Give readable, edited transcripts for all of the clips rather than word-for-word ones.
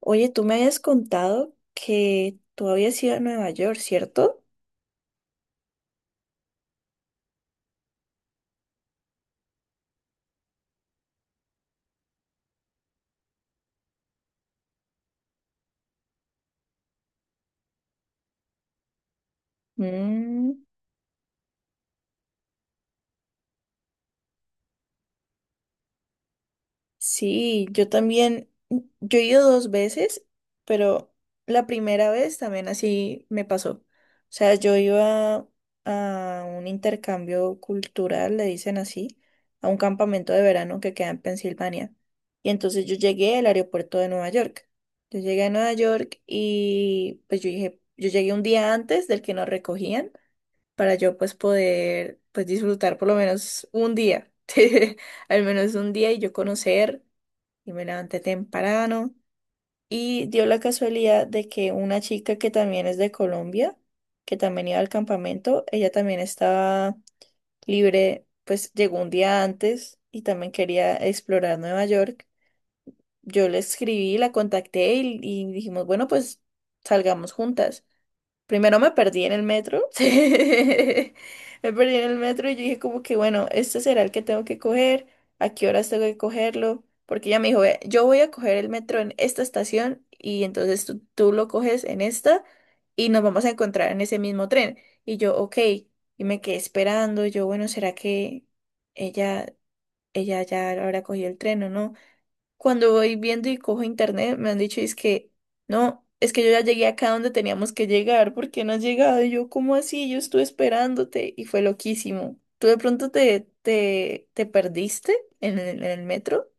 Oye, tú me habías contado que tú habías ido a Nueva York, ¿cierto? Mm, sí, yo también, yo he ido dos veces, pero la primera vez también así me pasó. O sea, yo iba a un intercambio cultural, le dicen así, a un campamento de verano que queda en Pensilvania. Y entonces yo llegué al aeropuerto de Nueva York. Yo llegué a Nueva York y pues yo dije, yo llegué un día antes del que nos recogían para yo pues poder pues disfrutar por lo menos un día, al menos un día y yo conocer y me levanté temprano. Y dio la casualidad de que una chica que también es de Colombia, que también iba al campamento, ella también estaba libre, pues llegó un día antes y también quería explorar Nueva York. Yo le escribí, la contacté y dijimos, bueno, pues salgamos juntas. Primero me perdí en el metro. Me perdí en el metro y yo dije como que, bueno, este será el que tengo que coger, a qué horas tengo que cogerlo, porque ella me dijo, "Ve, yo voy a coger el metro en esta estación y entonces tú lo coges en esta y nos vamos a encontrar en ese mismo tren. Y yo, ok, y me quedé esperando, yo, bueno, ¿será que ella, ella ya habrá cogido el tren o no? Cuando voy viendo y cojo internet, me han dicho, es que, no, es que yo ya llegué acá donde teníamos que llegar, ¿por qué no has llegado? Y yo, ¿cómo así? Yo estuve esperándote y fue loquísimo. ¿Tú de pronto te perdiste en el metro?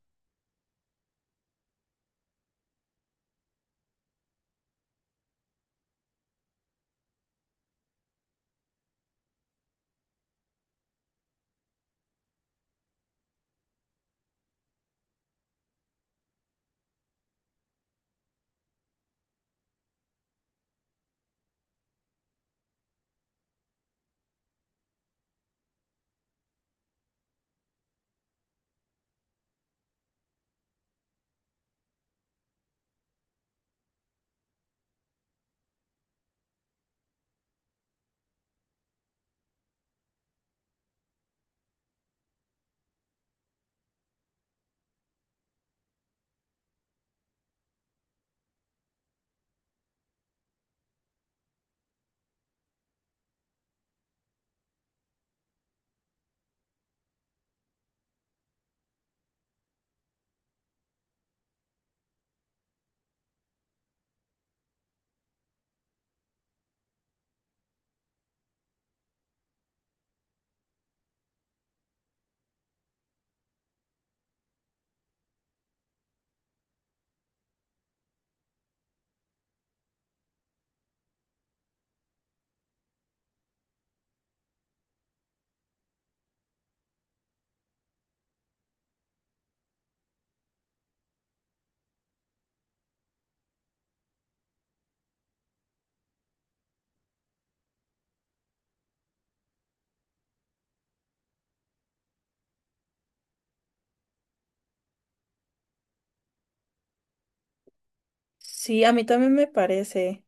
Sí, a mí también me parece.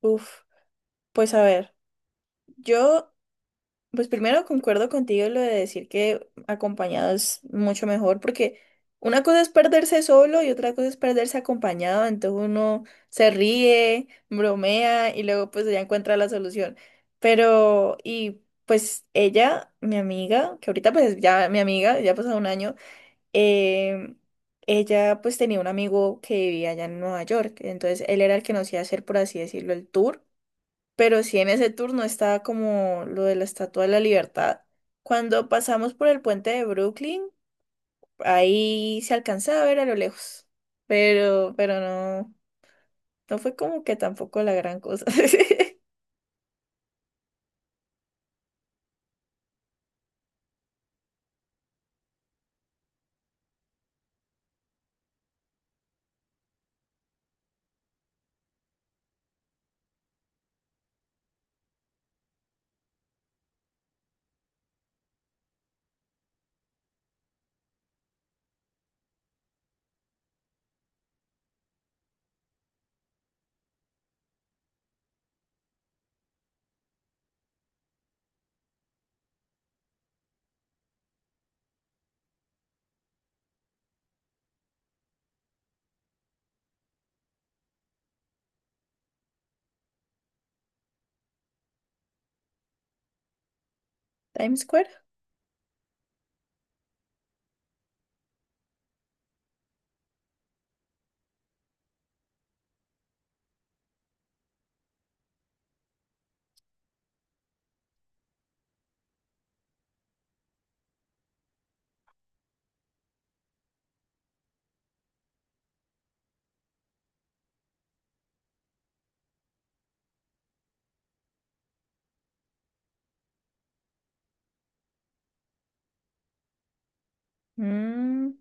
Uf, pues a ver, yo Pues primero concuerdo contigo en lo de decir que acompañado es mucho mejor, porque una cosa es perderse solo y otra cosa es perderse acompañado, entonces uno se ríe, bromea y luego pues ya encuentra la solución. Pero, y pues ella, mi amiga, que ahorita pues ya mi amiga, ya ha pasado un año, em, ella pues tenía un amigo que vivía allá en Nueva York, entonces él era el que nos iba a hacer, por así decirlo, el tour. Pero sí, en ese turno estaba como lo de la Estatua de la Libertad. Cuando pasamos por el puente de Brooklyn, ahí se alcanzaba a ver a lo lejos. Pero no, no fue como que tampoco la gran cosa. Times Square. Mm,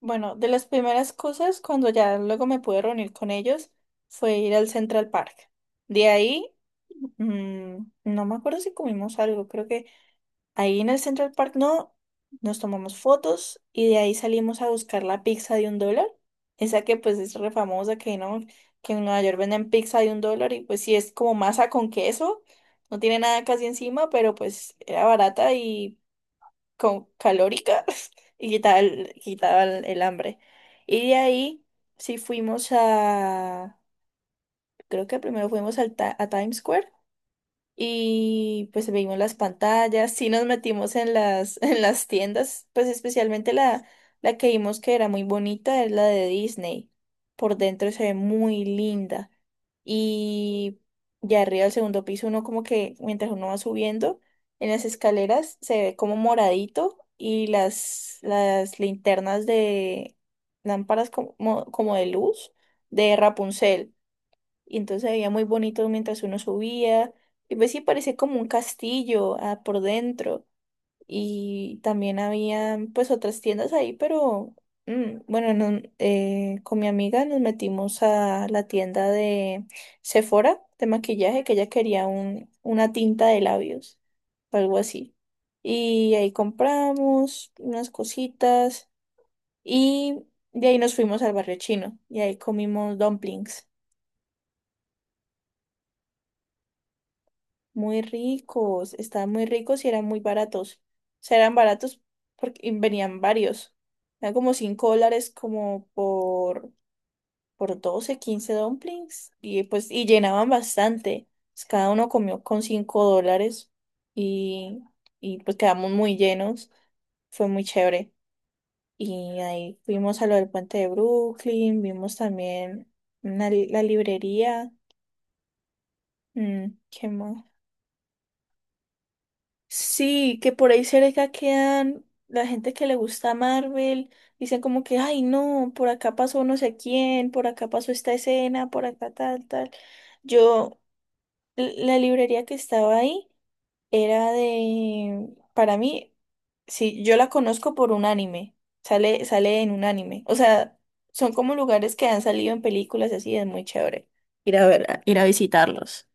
bueno, de las primeras cosas, cuando ya luego me pude reunir con ellos, fue ir al Central Park. De ahí, mm, no me acuerdo si comimos algo, creo que ahí en el Central Park no, nos tomamos fotos y de ahí salimos a buscar la pizza de $1. Esa que pues es re famosa que no, que en Nueva York venden pizza de $1 y pues sí es como masa con queso, no tiene nada casi encima, pero pues era barata y con calórica y quitaba el hambre. Y de ahí sí fuimos a, creo que primero fuimos al a Times Square y pues vimos las pantallas, sí nos metimos en las, en las tiendas, pues especialmente la que vimos que era muy bonita es la de Disney. Por dentro se ve muy linda. Y ya arriba del segundo piso uno como que mientras uno va subiendo en las escaleras se ve como moradito y las linternas de lámparas como de luz de Rapunzel y entonces se veía muy bonito mientras uno subía. Y pues sí, parecía como un castillo por dentro. Y también había pues otras tiendas ahí, pero bueno, no, con mi amiga nos metimos a la tienda de Sephora de maquillaje, que ella quería una tinta de labios, o algo así. Y ahí compramos unas cositas y de ahí nos fuimos al barrio chino y ahí comimos dumplings. Muy ricos, estaban muy ricos y eran muy baratos. O sea, eran baratos porque y venían varios. Eran como $5 como por 12 15 dumplings. Y pues, y llenaban bastante. Pues, cada uno comió con $5 y, y pues quedamos muy llenos. Fue muy chévere. Y ahí fuimos a lo del puente de Brooklyn, vimos también la librería. Mm, ¿qué más? Sí, que por ahí cerca quedan la gente que le gusta Marvel, dicen como que, ay no, por acá pasó no sé quién, por acá pasó esta escena, por acá tal, tal. Yo, la librería que estaba ahí era de, para mí, sí, yo la conozco por un anime, sale, sale en un anime. O sea, son como lugares que han salido en películas y así, es muy chévere ir a ver, ir a visitarlos.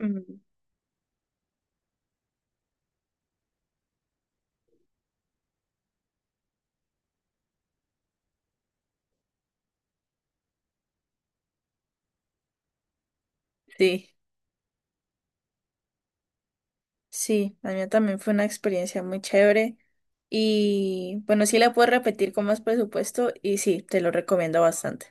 Mm. Sí. Sí, la mía también fue una experiencia muy chévere. Y bueno, sí la puedo repetir con más presupuesto y sí, te lo recomiendo bastante.